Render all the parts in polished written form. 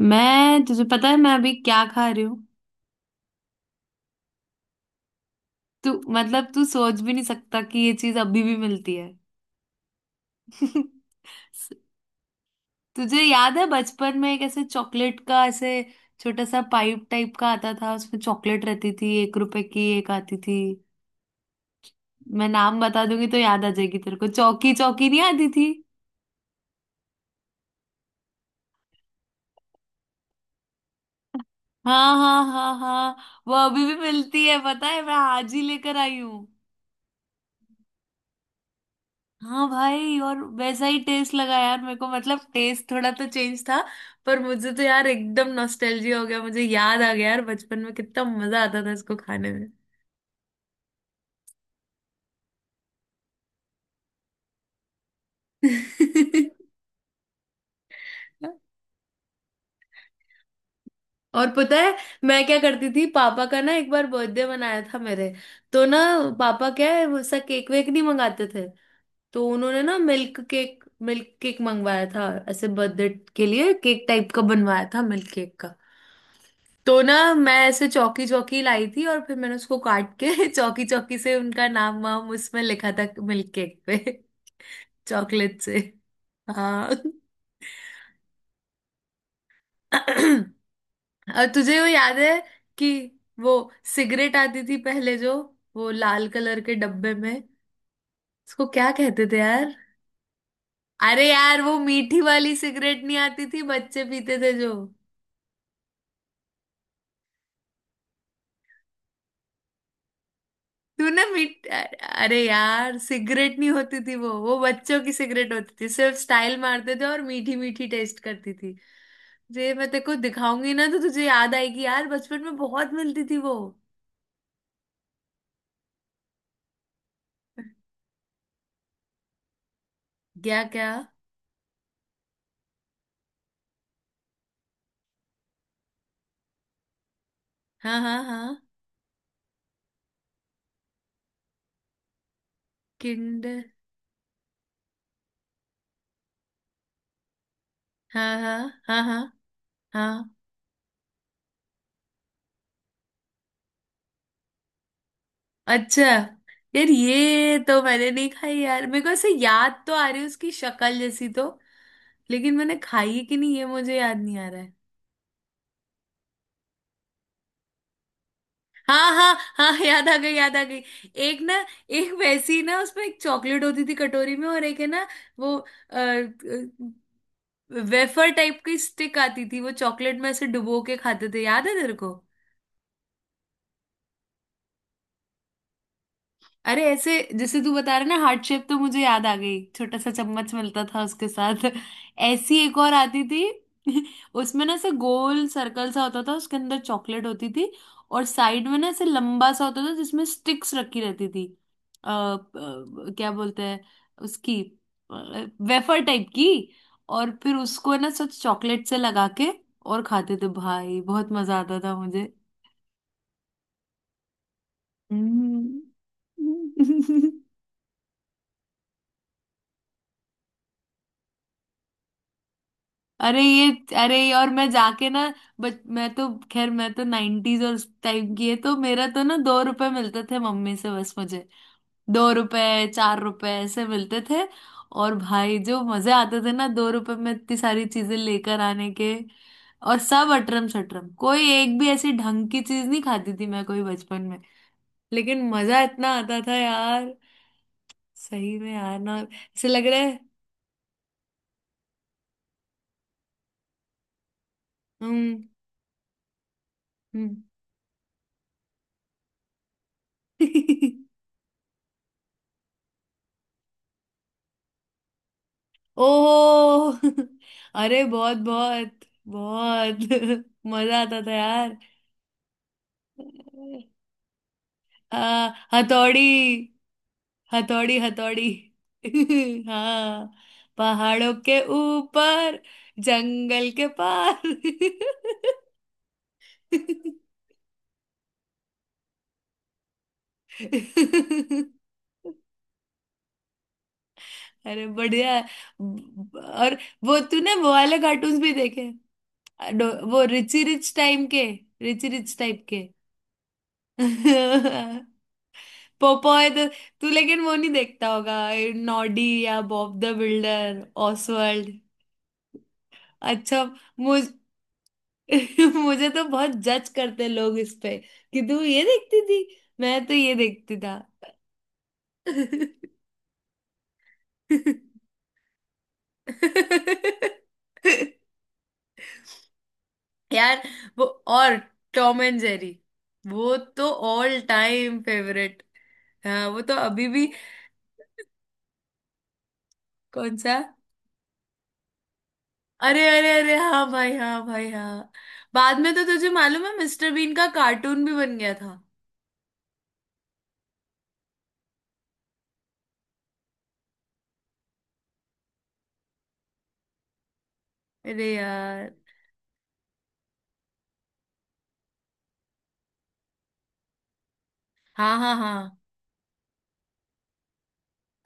मैं तुझे पता है, मैं अभी क्या खा रही हूँ। तू मतलब तू सोच भी नहीं सकता कि ये चीज अभी भी मिलती है। तुझे याद है बचपन में एक ऐसे चॉकलेट का, ऐसे छोटा सा पाइप टाइप का आता था, उसमें चॉकलेट रहती थी, 1 रुपए की एक आती थी। मैं नाम बता दूंगी तो याद आ जाएगी तेरे को, चौकी चौकी नहीं आती थी? हाँ, हाँ, हाँ, हाँ। वो अभी भी मिलती है, पता है, मैं आज ही लेकर आई हूँ। हाँ भाई, और वैसा ही टेस्ट लगा यार मेरे को, मतलब टेस्ट थोड़ा तो चेंज था। पर मुझे तो यार एकदम नॉस्टैल्जिया हो गया, मुझे याद आ गया यार बचपन में कितना मजा आता था इसको खाने में। और पता है मैं क्या करती थी, पापा का ना एक बार बर्थडे मनाया था मेरे, तो ना पापा क्या है वैसा केक वेक नहीं मंगाते थे। तो उन्होंने ना मिल्क केक, मिल्क केक मंगवाया था, ऐसे बर्थडे के लिए केक टाइप का बनवाया था मिल्क केक का। तो ना मैं ऐसे चौकी चौकी लाई थी और फिर मैंने उसको काट के चौकी चौकी से उनका नाम वाम उसमें लिखा था, मिल्क केक पे। चॉकलेट से। हाँ। और तुझे वो याद है कि वो सिगरेट आती थी पहले जो, वो लाल कलर के डब्बे में, उसको क्या कहते थे यार? अरे यार वो मीठी वाली सिगरेट नहीं आती थी, बच्चे पीते थे जो। तू ना मिट अरे यार सिगरेट नहीं होती थी, वो बच्चों की सिगरेट होती थी, सिर्फ स्टाइल मारते थे और मीठी मीठी टेस्ट करती थी। जे मैं तेरे को दिखाऊंगी ना तो तुझे याद आएगी यार, बचपन में बहुत मिलती थी वो। क्या क्या? हाँ, हाँ, हाँ। किंडर? हाँ, हाँ, हाँ, हाँ, हाँ। अच्छा। यार ये तो मैंने नहीं खाई यार, मेरे को ऐसे याद तो आ रही है उसकी शक्ल जैसी तो। लेकिन मैंने खाई है कि नहीं ये मुझे याद नहीं आ रहा है। हाँ, हाँ, हाँ, याद आ गई, याद आ गई। एक ना, एक वैसी ना उसमें एक चॉकलेट होती थी कटोरी में और एक है ना, वो वेफर टाइप की स्टिक आती थी, वो चॉकलेट में ऐसे डुबो के खाते थे, याद है तेरे को? अरे ऐसे जैसे तू बता रहा ना हार्ट शेप, तो मुझे याद आ गई, छोटा सा चम्मच मिलता था उसके साथ। ऐसी एक और आती थी। उसमें ना ऐसे गोल सर्कल सा होता था, उसके अंदर चॉकलेट होती थी, और साइड में ना ऐसे लंबा सा होता था जिसमें स्टिक्स रखी रहती थी। अ, अ, क्या बोलते हैं उसकी? वेफर टाइप की। और फिर उसको ना सच चॉकलेट से लगा के और खाते थे भाई, बहुत मजा आता था मुझे। हम्म। अरे ये, अरे ये और मैं जाके ना। बच मैं तो खैर मैं तो 90s और उस टाइम की है, तो मेरा तो ना 2 रुपए मिलते थे मम्मी से बस मुझे। 2 रुपए, 4 रुपए ऐसे मिलते थे। और भाई जो मजे आते थे ना 2 रुपए में इतनी सारी चीजें लेकर आने के। और सब अटरम सटरम, कोई एक भी ऐसी ढंग की चीज नहीं खाती थी मैं कोई बचपन में। लेकिन मजा इतना आता था यार। सही में यार ना ऐसे लग रहा है। हम्म। हम्म। ओह। अरे बहुत, बहुत, बहुत मजा आता था यार। हथौड़ी, हथौड़ी, हथौड़ी। हाँ। पहाड़ों के ऊपर, जंगल के पार। अरे बढ़िया है। और वो तूने वो वाले कार्टून्स भी देखे? वो रिची रिच टाइम के, रिची रिच टाइप के। पोपॉय तो। तू लेकिन वो नहीं देखता होगा, नॉडी या बॉब द बिल्डर, ऑसवर्ल्ड। अच्छा। मुझ मुझे तो बहुत जज करते लोग इस पे, कि तू ये देखती थी, मैं तो ये देखती था। यार वो और टॉम एंड जेरी, वो तो ऑल टाइम फेवरेट। हाँ वो तो अभी भी। कौन सा? अरे, अरे, अरे, हाँ भाई, हाँ भाई, हाँ। बाद में तो तुझे मालूम है मिस्टर बीन का कार्टून भी बन गया था। अरे यार। हाँ, हाँ, हाँ।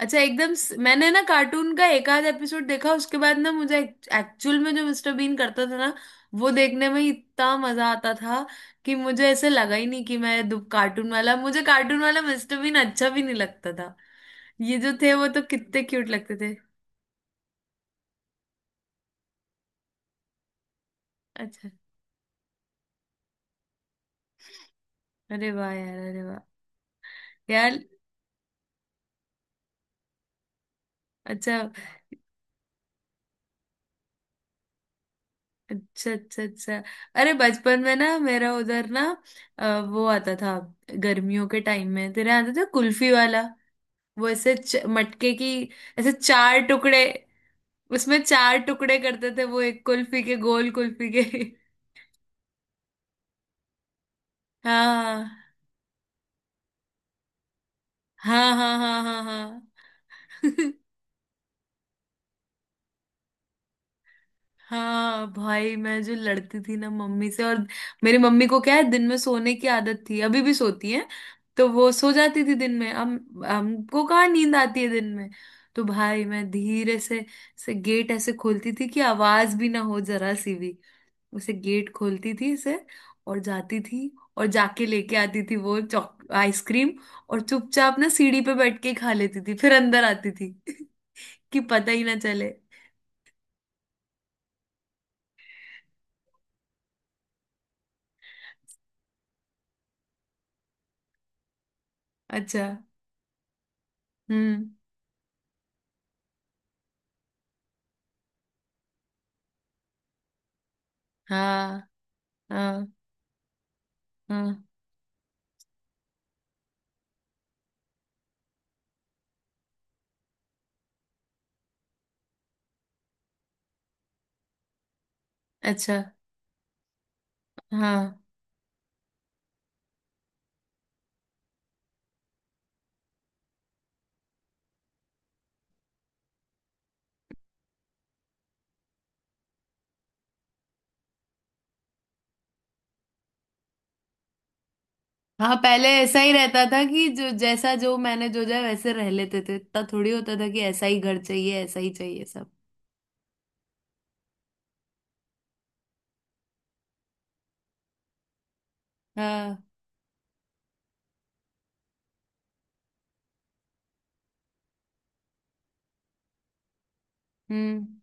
अच्छा एकदम मैंने ना कार्टून का एक आध एपिसोड देखा, उसके बाद ना मुझे एक्चुअल में जो मिस्टर बीन करता था ना, वो देखने में ही इतना मजा आता था, कि मुझे ऐसे लगा ही नहीं कि मैं दु- कार्टून वाला मुझे कार्टून वाला मिस्टर बीन अच्छा भी नहीं लगता था। ये जो थे वो तो कितने क्यूट लगते थे। अच्छा। अरे वाह यार। अरे वाह यार। अच्छा, अच्छा, अच्छा। अच्छा अरे बचपन में ना मेरा उधर ना, वो आता था, गर्मियों के टाइम में तेरे यहाँ आता था कुल्फी वाला। वो ऐसे मटके की, ऐसे चार टुकड़े, उसमें चार टुकड़े करते थे वो, एक कुल्फी के, गोल कुल्फी के। हाँ, हाँ, हाँ, हाँ, हाँ, हाँ। हाँ भाई, मैं जो लड़ती थी ना मम्मी से। और मेरी मम्मी को क्या है, दिन में सोने की आदत थी, अभी भी सोती है। तो वो सो जाती थी दिन में, हम हमको कहाँ नींद आती है दिन में। तो भाई मैं धीरे से गेट ऐसे खोलती थी कि आवाज भी ना हो जरा सी भी, उसे गेट खोलती थी इसे। और जाती थी, और जाके लेके आती थी वो चॉक आइसक्रीम। और चुपचाप ना सीढ़ी पे बैठ के खा लेती थी, फिर अंदर आती थी, कि पता ही ना चले। अच्छा। हम्म। हाँ, हाँ, हाँ। अच्छा। हाँ। हाँ पहले ऐसा ही रहता था, कि जो जैसा जो मैंने जो जाए वैसे रह लेते थे, इतना थोड़ी होता था कि ऐसा ही घर चाहिए, ऐसा ही चाहिए सब। हाँ। हम्म।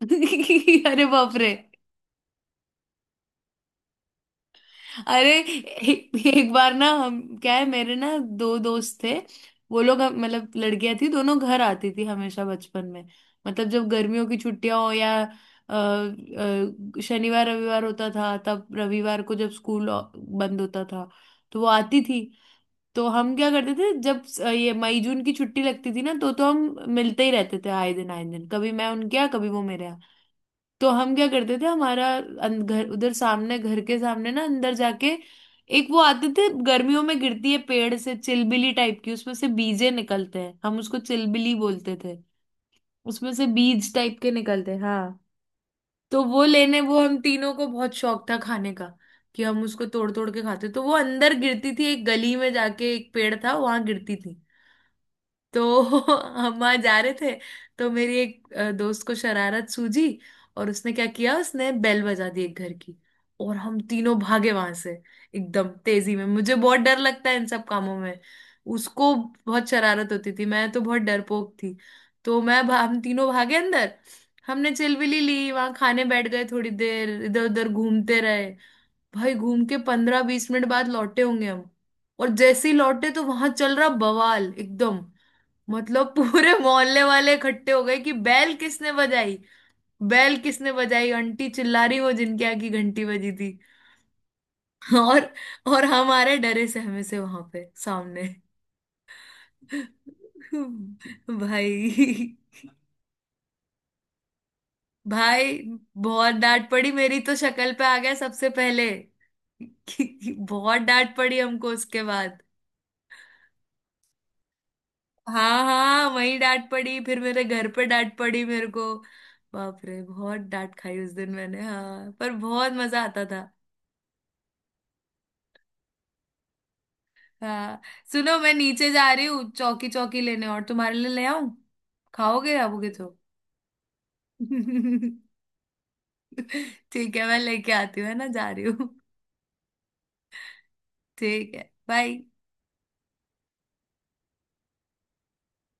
अरे बाप रे! अरे एक बार ना हम क्या है, मेरे ना दो दोस्त थे। वो लोग मतलब लड़कियां थी दोनों, घर आती थी हमेशा बचपन में। मतलब जब गर्मियों की छुट्टियां हो, या शनिवार रविवार होता था, तब रविवार को जब स्कूल बंद होता था, तो वो आती थी। तो हम क्या करते थे, जब ये मई जून की छुट्टी लगती थी ना, तो हम मिलते ही रहते थे, आए दिन, आए दिन, कभी मैं उनके यहाँ कभी वो मेरे यहाँ। तो हम क्या करते थे, हमारा घर उधर सामने, घर के सामने ना अंदर जाके, एक वो आते थे गर्मियों में, गिरती है पेड़ से चिलबिली टाइप की, उसमें से बीजे निकलते हैं, हम उसको चिलबिली बोलते थे। उसमें से बीज टाइप के निकलते हैं। हाँ। तो वो लेने, वो हम तीनों को बहुत शौक था खाने का, कि हम उसको तोड़ तोड़ के खाते, तो वो अंदर गिरती थी, एक गली में जाके एक पेड़ था वहां गिरती थी। तो हम वहां जा रहे थे, तो मेरी एक दोस्त को शरारत सूझी, और उसने क्या किया, उसने बेल बजा दी एक घर की। और हम तीनों भागे वहां से एकदम तेजी में। मुझे बहुत डर लगता है इन सब कामों में। उसको बहुत शरारत होती थी, मैं तो बहुत डरपोक थी। तो हम तीनों भागे अंदर, हमने चिलविली ली, वहां खाने बैठ गए, थोड़ी देर इधर उधर घूमते रहे। भाई घूम के 15-20 मिनट बाद लौटे होंगे हम। और जैसे ही लौटे, तो वहां चल रहा बवाल एकदम। मतलब पूरे मोहल्ले वाले इकट्ठे हो गए, कि बैल किसने बजाई, बैल किसने बजाई आंटी चिल्ला रही, वो जिनके यहाँ की घंटी बजी थी। और और हमारे डरे सहमे से वहां पे सामने। भाई, भाई बहुत डांट पड़ी, मेरी तो शक्ल पे आ गया सबसे पहले। बहुत डांट पड़ी हमको उसके बाद। हाँ, हाँ वही डांट पड़ी, फिर मेरे घर पे डांट पड़ी मेरे को। बाप रे, बहुत डांट खाई उस दिन मैंने, हाँ पर बहुत मजा आता था। हाँ। सुनो मैं नीचे जा रही हूँ चौकी चौकी लेने, और तुम्हारे लिए ले आऊं? खाओगे आवोगे तो? ठीक है मैं लेके आती हूँ, है ना? जा रही हूँ। ठीक है, बाय।